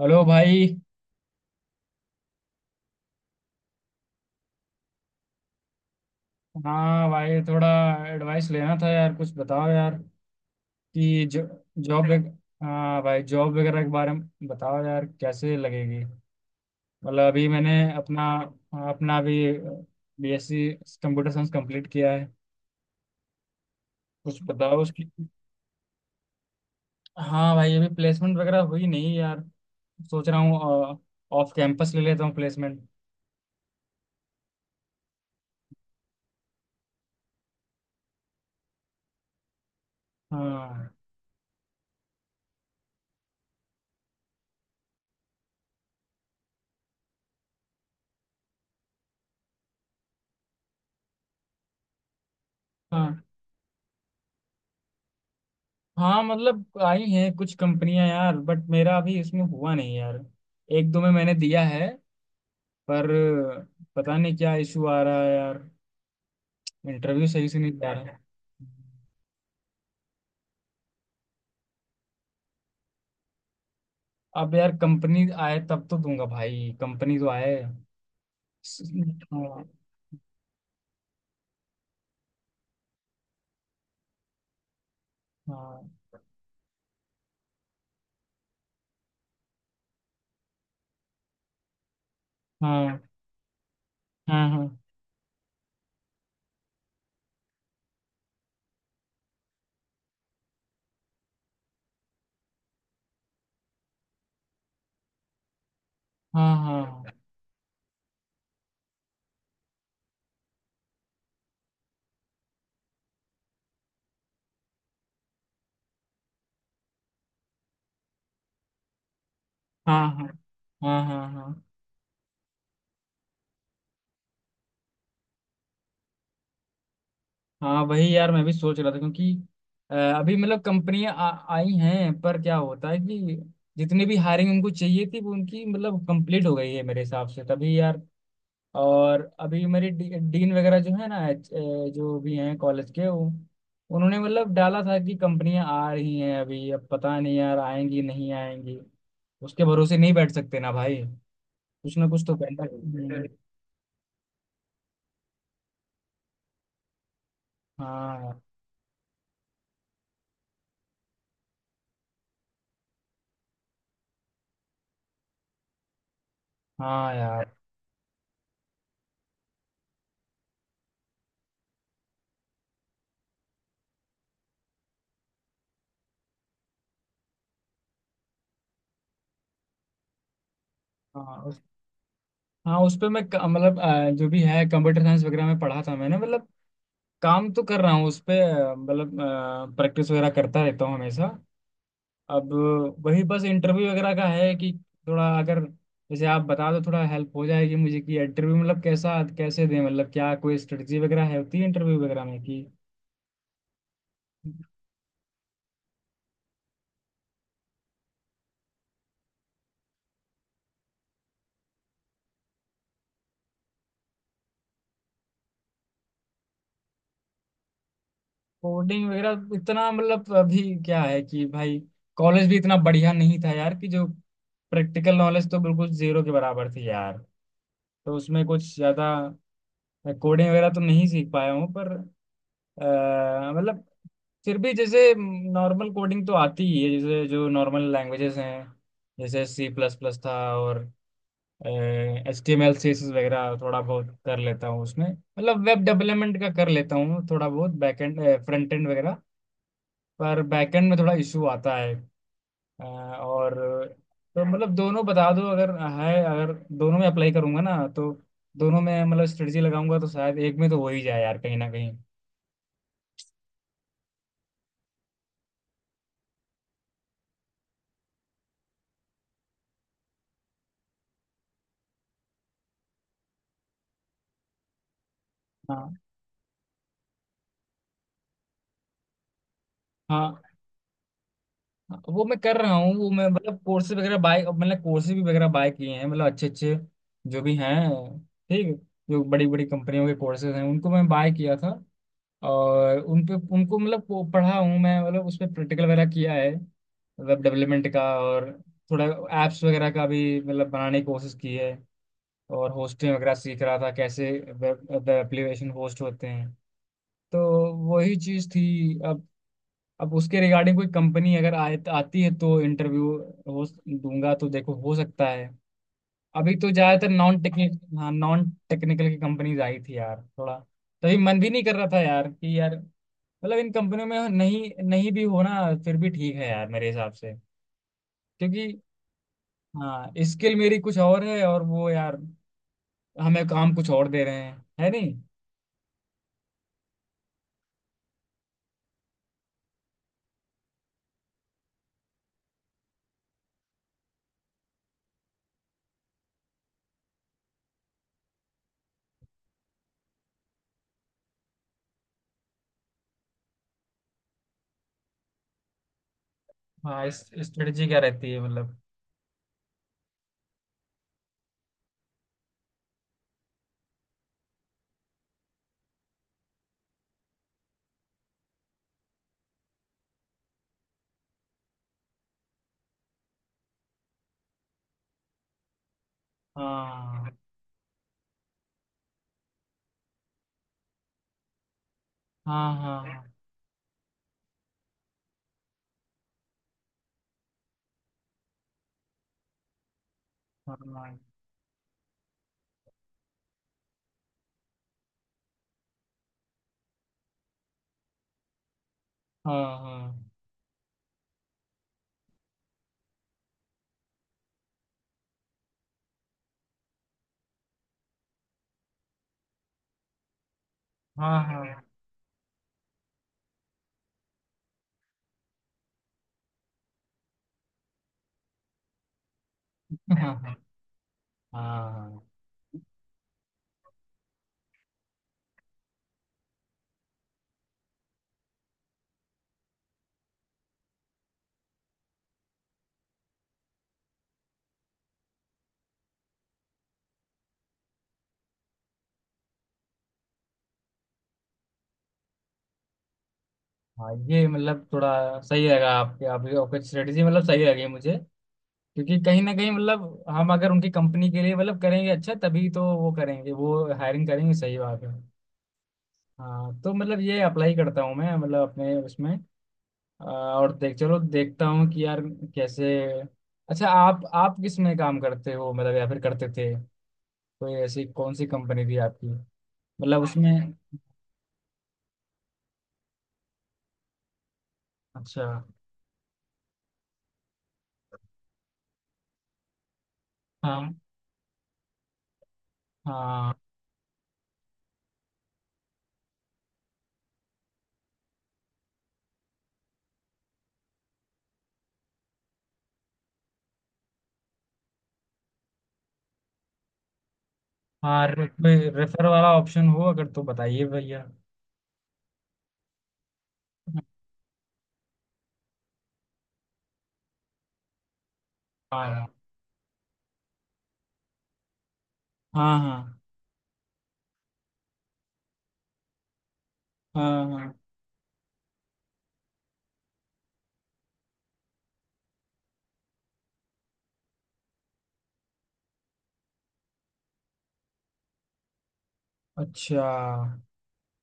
Hello भाई। हाँ भाई, थोड़ा एडवाइस लेना था यार, कुछ बताओ यार, कि जो जॉब वग- हाँ भाई, जॉब वगैरह के बारे में बताओ यार, कैसे लगेगी। मतलब अभी मैंने अपना अपना भी BSc कंप्यूटर साइंस कंप्लीट किया है, कुछ बताओ उसकी। हाँ भाई, अभी प्लेसमेंट वगैरह हुई नहीं यार। सोच रहा हूँ ऑफ कैंपस ले लेता हूँ प्लेसमेंट। हाँ, हाँ, हाँ। मतलब आई हैं कुछ कंपनियां यार, बट मेरा अभी इसमें हुआ नहीं यार। एक दो में मैंने दिया है, पर पता नहीं क्या इशू आ रहा है यार, इंटरव्यू सही से नहीं जा रहा है। अब यार, कंपनी आए तब तो दूंगा भाई, कंपनी तो आए। स- हाँ, हाँ, हाँ, हाँ, हाँ, हाँ, हाँ, हाँ, हाँ, हाँ, हाँ, हाँ, हाँ, हाँ। वही यार, मैं भी सोच रहा था, क्योंकि अभी मतलब कंपनियां आई हैं, पर क्या होता है कि जितनी भी हायरिंग उनको चाहिए थी, वो उनकी मतलब कंप्लीट हो गई है मेरे हिसाब से, तभी यार। और अभी मेरे डीन वगैरह जो है ना, जो भी हैं कॉलेज के, वो उन्होंने मतलब डाला था कि कंपनियां आ रही हैं, अभी अब पता नहीं यार, आएंगी नहीं आएंगी। उसके भरोसे नहीं बैठ सकते ना भाई, कुछ ना कुछ तो करना है। हम्म। हाँ, हाँ यार। हाँ, हाँ, उस पे मैं मतलब जो भी है कंप्यूटर साइंस वगैरह में पढ़ा था मैंने, मतलब काम तो कर रहा हूँ उस पे, मतलब प्रैक्टिस वगैरह करता रहता हूँ हमेशा। अब वही बस, इंटरव्यू वगैरह का है कि थोड़ा, अगर जैसे आप बता दो थोड़ा, हेल्प हो जाएगी मुझे, कि इंटरव्यू मतलब कैसा कैसे दें, मतलब क्या कोई स्ट्रेटजी वगैरह है, होती है इंटरव्यू वगैरह में, कि कोडिंग वगैरह इतना मतलब। अभी क्या है कि भाई, कॉलेज भी इतना बढ़िया नहीं था यार, कि जो प्रैक्टिकल नॉलेज तो बिल्कुल जीरो के बराबर थी यार। तो उसमें कुछ ज्यादा कोडिंग वगैरह तो नहीं सीख पाया हूँ, पर मतलब फिर भी जैसे नॉर्मल कोडिंग तो आती ही है, जैसे जो नॉर्मल लैंग्वेजेस हैं, जैसे C++ था, और HTML CSS वगैरह थोड़ा बहुत कर लेता हूँ, उसमें मतलब वेब डेवलपमेंट का कर लेता हूँ थोड़ा बहुत, बैक एंड फ्रंट एंड वगैरह। पर बैकएंड में थोड़ा इशू आता है। और तो मतलब दोनों बता दो, अगर है। अगर दोनों में अप्लाई करूंगा ना, तो दोनों में मतलब स्ट्रेटजी लगाऊंगा, तो शायद एक में तो हो ही जाए यार, कहीं ना कहीं। हाँ, हाँ। वो मैं कर रहा हूँ, वो मैं मतलब कोर्सेज वगैरह बाय, मतलब कोर्सेज भी वगैरह बाय किए हैं मतलब, अच्छे अच्छे जो भी हैं, ठीक। जो बड़ी बड़ी कंपनियों के कोर्सेज हैं उनको मैं बाय किया था, और उन पे उनको मतलब वो पढ़ा हूँ मैं, मतलब उस पर प्रैक्टिकल वगैरह किया है। वेब डेवलपमेंट का, और थोड़ा ऐप्स वगैरह का भी मतलब बनाने की कोशिश की है, और होस्टिंग वगैरह सीख रहा था कैसे वेब वेब एप्लीकेशन होस्ट होते हैं। तो वही चीज़ थी। अब उसके रिगार्डिंग कोई कंपनी अगर आए आती है तो इंटरव्यू हो दूंगा। तो देखो, हो सकता है। अभी तो ज्यादातर नॉन टेक्निकल, हाँ, नॉन टेक्निकल की कंपनीज आई थी यार, थोड़ा तभी मन भी नहीं कर रहा था यार, कि यार मतलब इन कंपनियों में नहीं नहीं भी होना फिर भी ठीक है यार मेरे हिसाब से। क्योंकि, हाँ, स्किल मेरी कुछ और है, और वो यार हमें काम कुछ और दे रहे हैं, है नहीं। हाँ, इस स्ट्रेटजी क्या रहती है मतलब। हाँ, हाँ, हाँ, हाँ, हाँ, हाँ, हाँ, हाँ, हाँ, हाँ। हाँ, ये मतलब थोड़ा सही लगा, आपके आपकी आपकी स्ट्रेटजी, मतलब सही लगी मुझे। क्योंकि कहीं ना कहीं मतलब, हम अगर उनकी कंपनी के लिए मतलब करेंगे अच्छा, तभी तो वो करेंगे, वो हायरिंग करेंगे, सही बात है। हाँ, तो मतलब ये अप्लाई करता हूँ मैं, मतलब अपने उसमें। और देख चलो देखता हूँ कि यार कैसे। अच्छा, आप किस में काम करते हो, मतलब या फिर करते थे, कोई ऐसी कौन सी कंपनी थी आपकी? मतलब उसमें, अच्छा। हाँ, हाँ, हाँ। कोई रेफर वाला ऑप्शन हो अगर तो बताइए भैया। हाँ, हाँ, हाँ, हाँ, हाँ, अच्छा।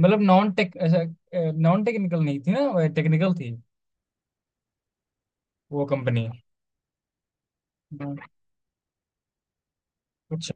मतलब नॉन टेक ऐसा, नॉन टेक्निकल नहीं थी ना, टेक्निकल थी वो कंपनी। हाँ, अच्छा।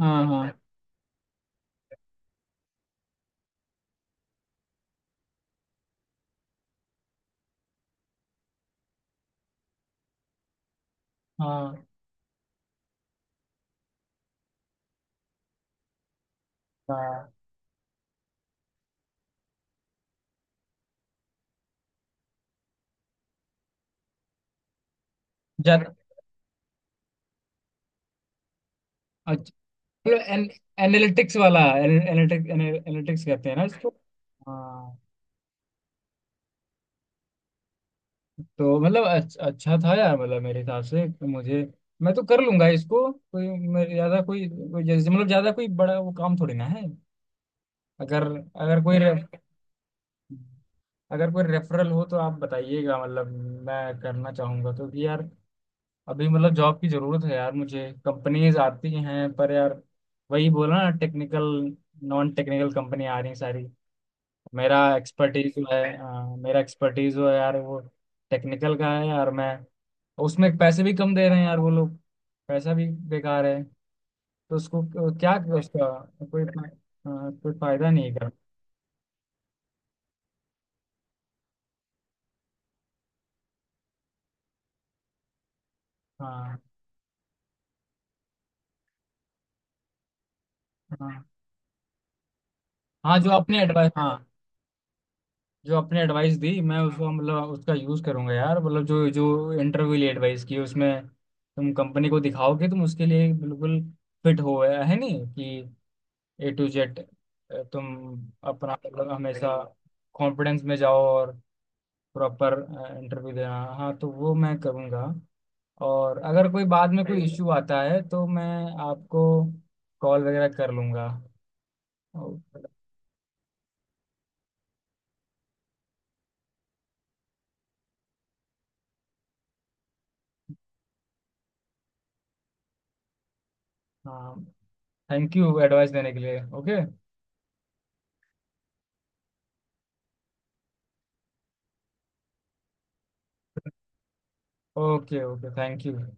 हाँ, हाँ, हाँ, हाँ, ज्यादा। मतलब एनालिटिक्स वाला, एनालिटिक्स एनालिटिक्स कहते हैं ना इसको। हाँ, तो मतलब अच्छा था यार, मतलब मेरे हिसाब से कि मुझे, मैं तो कर लूंगा इसको, कोई मेरे ज्यादा कोई जैसे मतलब ज्यादा कोई बड़ा वो काम थोड़ी ना है। अगर अगर कोई रे, अगर कोई रेफरल हो तो आप बताइएगा मतलब, मैं करना चाहूंगा तो, कि यार अभी मतलब जॉब की जरूरत है यार मुझे, कंपनीज आती हैं पर यार वही बोला ना, टेक्निकल नॉन टेक्निकल कंपनी आ रही हैं सारी। मेरा एक्सपर्टीज जो है यार, वो टेक्निकल का है यार। मैं उसमें, पैसे भी कम दे रहे हैं यार वो लोग, पैसा भी बेकार है, तो उसको क्या उसका कोई कोई फायदा नहीं कर। हाँ, हाँ, हाँ। जो अपने एडवाइस दी, मैं उसको मतलब उसका यूज करूंगा यार, मतलब जो जो इंटरव्यू लिए एडवाइस की, उसमें तुम कंपनी को दिखाओ कि तुम उसके लिए बिल्कुल फिट हो, है नहीं कि A to Z, तुम अपना मतलब हमेशा कॉन्फिडेंस में जाओ और प्रॉपर इंटरव्यू देना, हाँ तो वो मैं करूँगा। और अगर कोई बाद में कोई इश्यू आता है तो मैं आपको कॉल वगैरह कर लूँगा। ओ, हाँ, थैंक यू एडवाइस देने के लिए। Okay, okay, okay, thank you.